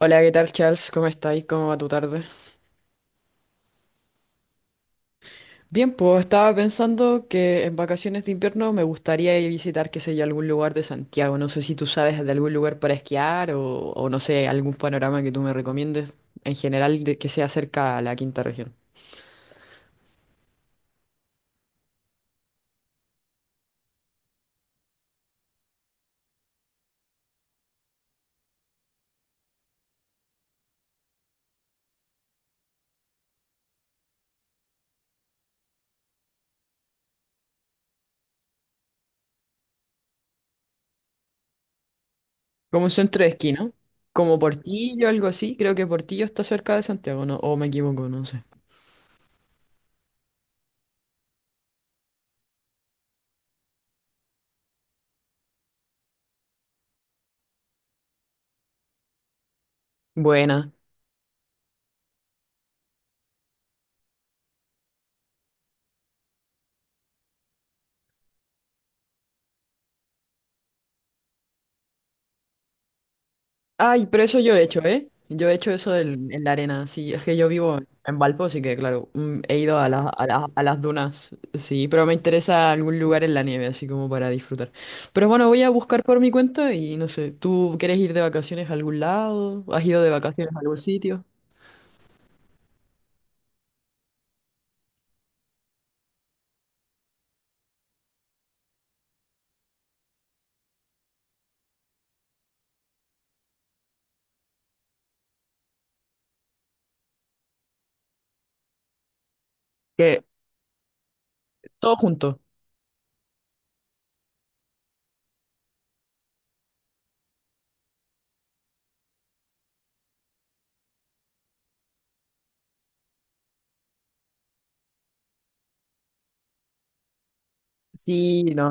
Hola, ¿qué tal, Charles? ¿Cómo estáis? ¿Cómo va tu tarde? Bien, pues estaba pensando que en vacaciones de invierno me gustaría ir a visitar, qué sé yo, algún lugar de Santiago. No sé si tú sabes de algún lugar para esquiar o no sé, algún panorama que tú me recomiendes en general de, que sea cerca a la quinta región. Como un centro de esquí, ¿no? Como Portillo, algo así. Creo que Portillo está cerca de Santiago, ¿no? O me equivoco, no sé. Buena. Ay, pero eso yo he hecho, ¿eh? Yo he hecho eso en la arena, sí. Es que yo vivo en Valpo, así que claro, he ido a las, a las, a las dunas, sí, pero me interesa algún lugar en la nieve, así como para disfrutar. Pero bueno, voy a buscar por mi cuenta y no sé, ¿tú quieres ir de vacaciones a algún lado? ¿Has ido de vacaciones a algún sitio? Que todo junto. Sí, no.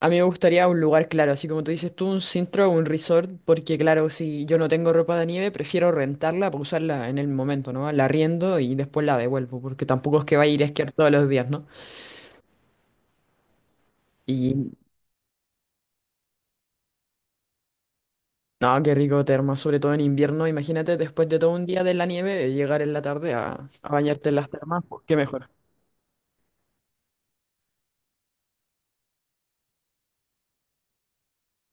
A mí me gustaría un lugar claro, así como tú dices tú, un centro o un resort, porque claro, si yo no tengo ropa de nieve, prefiero rentarla para usarla en el momento, ¿no? La arriendo y después la devuelvo, porque tampoco es que vaya a ir a esquiar todos los días, ¿no? Y no, qué rico terma, sobre todo en invierno, imagínate después de todo un día de la nieve, llegar en la tarde a bañarte en las termas, pues, qué mejor.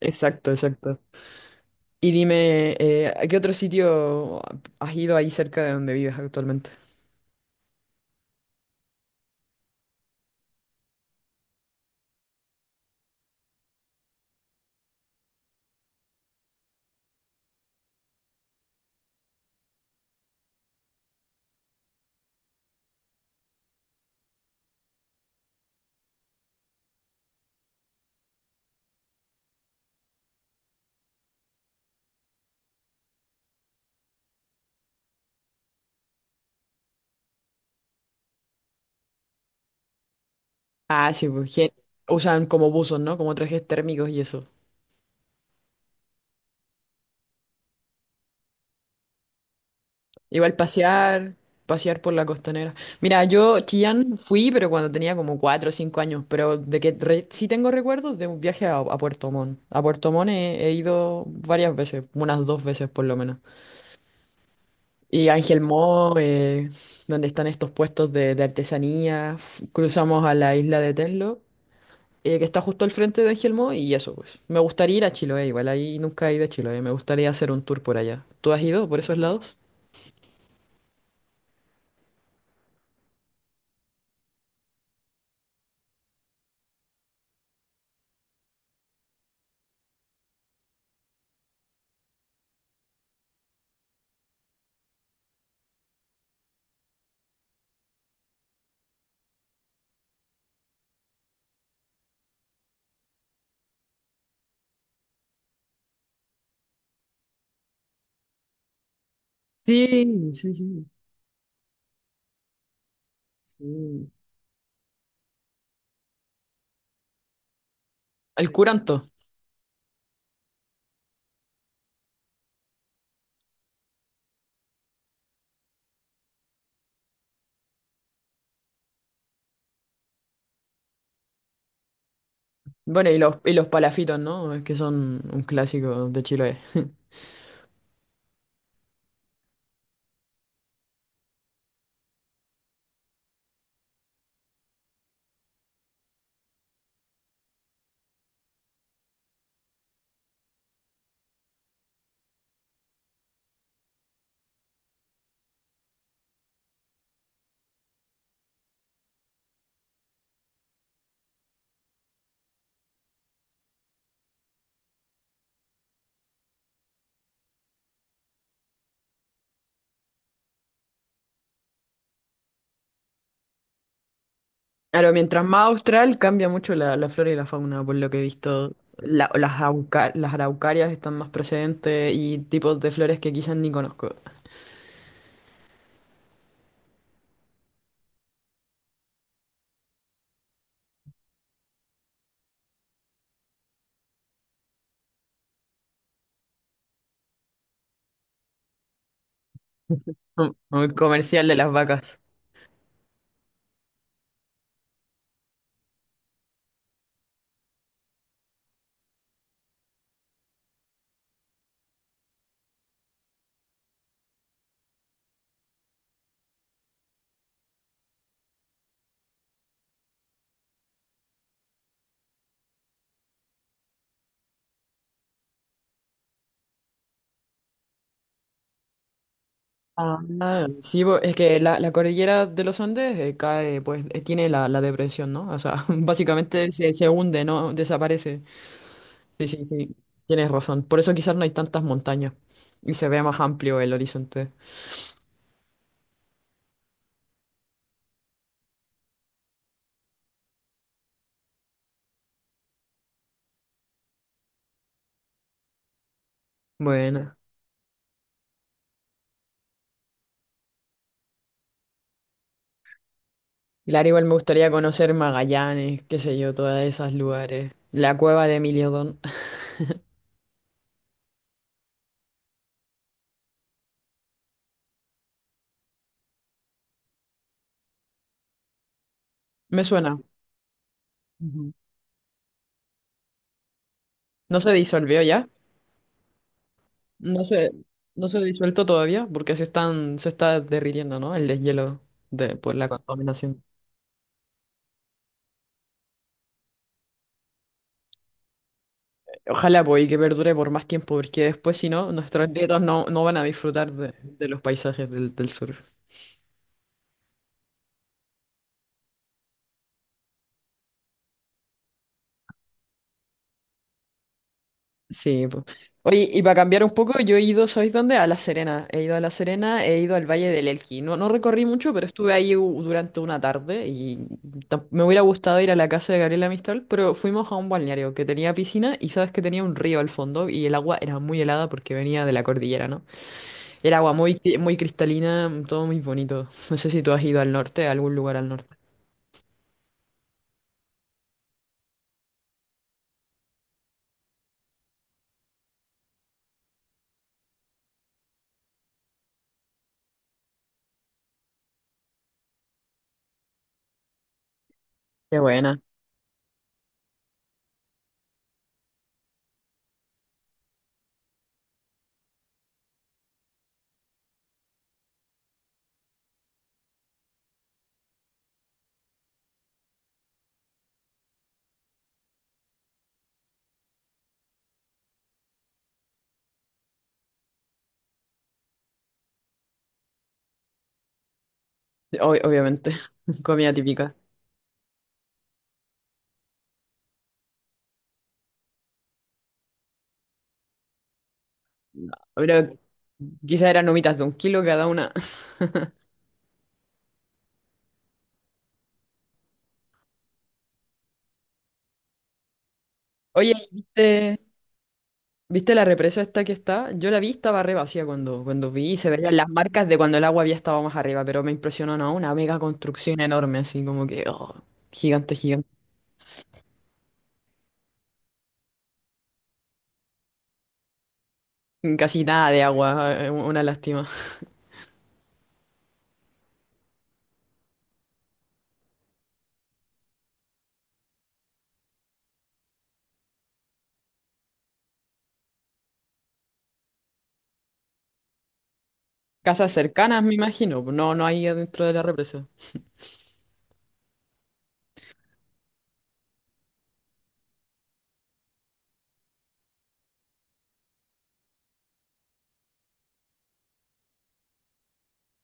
Exacto, exacto. Y dime, ¿a qué otro sitio has ido ahí cerca de donde vives actualmente? Ah, sí, pues usan como buzos, ¿no? Como trajes térmicos y eso. Igual pasear, pasear por la costanera. Mira, yo Chillán fui, pero cuando tenía como cuatro o cinco años, pero de que sí tengo recuerdos de un viaje a Puerto Montt. A Puerto Montt he ido varias veces, unas dos veces por lo menos. Y Ángel Mo, donde están estos puestos de artesanía. Cruzamos a la isla de Tenlo, que está justo al frente de Ángel Mo, y eso pues. Me gustaría ir a Chiloé, igual ahí nunca he ido a Chiloé, me gustaría hacer un tour por allá. ¿Tú has ido por esos lados? Sí, sí, sí. Sí. El curanto. Bueno, y los palafitos, ¿no? Es que son un clásico de Chile. Claro, mientras más austral cambia mucho la flora y la fauna, por lo que he visto. Las araucarias están más presentes y tipos de flores que quizás ni conozco. Mm, muy comercial de las vacas. Ah, sí, po, es que la cordillera de los Andes cae, pues tiene la depresión, ¿no? O sea, básicamente se hunde, ¿no? Desaparece. Sí, sí, sí, tienes razón. Por eso quizás no hay tantas montañas y se ve más amplio el horizonte. Bueno, claro, igual me gustaría conocer Magallanes, qué sé yo, todos esos lugares. La cueva de Emiliodón. Me suena. Ujú. ¿No se disolvió ya? No se, no se ha disuelto todavía porque se está derritiendo, ¿no? El deshielo de, por la contaminación. Ojalá, pues, y que perdure por más tiempo porque después, si no, nuestros nietos no van a disfrutar de los paisajes del sur. Sí, pues. Oye, y para cambiar un poco, yo he ido, ¿sabéis dónde? A La Serena. He ido a La Serena, he ido al Valle del Elqui. No, no recorrí mucho, pero estuve ahí durante una tarde y me hubiera gustado ir a la casa de Gabriela Mistral, pero fuimos a un balneario que tenía piscina y sabes que tenía un río al fondo y el agua era muy helada porque venía de la cordillera, ¿no? Era agua muy, muy cristalina, mm, todo muy bonito. No sé si tú has ido al norte, a algún lugar al norte. Qué buena. Obviamente, comida típica. Pero quizás eran nomitas de un kilo cada una. Oye, ¿¿viste la represa esta que está? Yo la vi, estaba re vacía cuando vi y se veían las marcas de cuando el agua había estado más arriba, pero me impresionó, ¿no? Una mega construcción enorme, así como que, oh, gigante, gigante. Casi nada de agua, una lástima. Casas cercanas, me imagino, no, no hay adentro de la represa.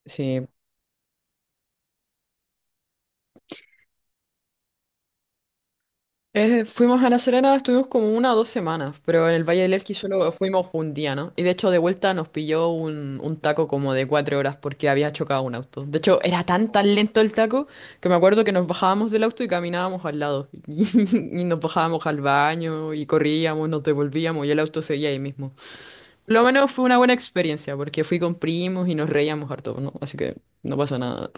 Sí, fuimos a La Serena, estuvimos como una o dos semanas, pero en el Valle del Elqui solo fuimos un día, ¿no? Y de hecho de vuelta nos pilló un taco como de cuatro horas porque había chocado un auto. De hecho, era tan tan lento el taco que me acuerdo que nos bajábamos del auto y caminábamos al lado. Y nos bajábamos al baño y corríamos, nos devolvíamos y el auto seguía ahí mismo. Lo menos fue una buena experiencia porque fui con primos y nos reíamos harto, ¿no? Así que no pasa nada.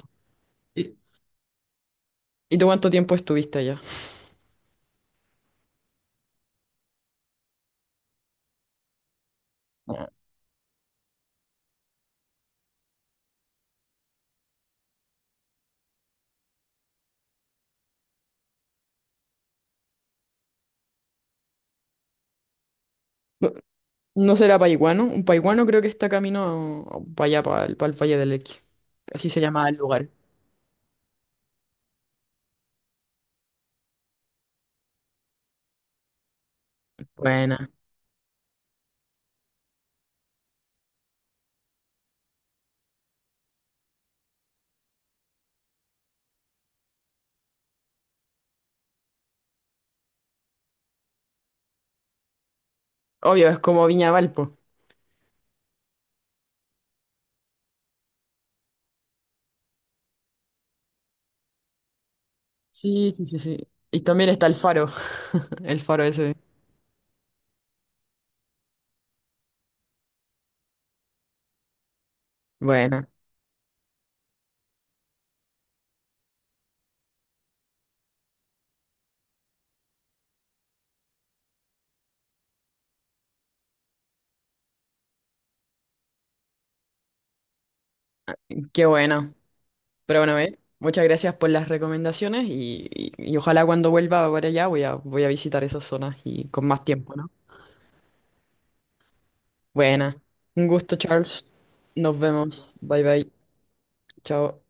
¿Y tú cuánto tiempo estuviste allá? No será Paiguano. Un Paiguano creo que está camino para allá, para el Valle del Elqui. Así se llama el lugar. Buena. Obvio, es como Viña Valpo. Sí, sí, sí, sí. Y también está el faro. El faro ese. Buena. Qué buena. Pero bueno, ver, muchas gracias por las recomendaciones y, y ojalá cuando vuelva para allá voy a visitar esas zonas y con más tiempo, ¿no? Buena. Un gusto, Charles. Nos vemos. Bye bye. Chao.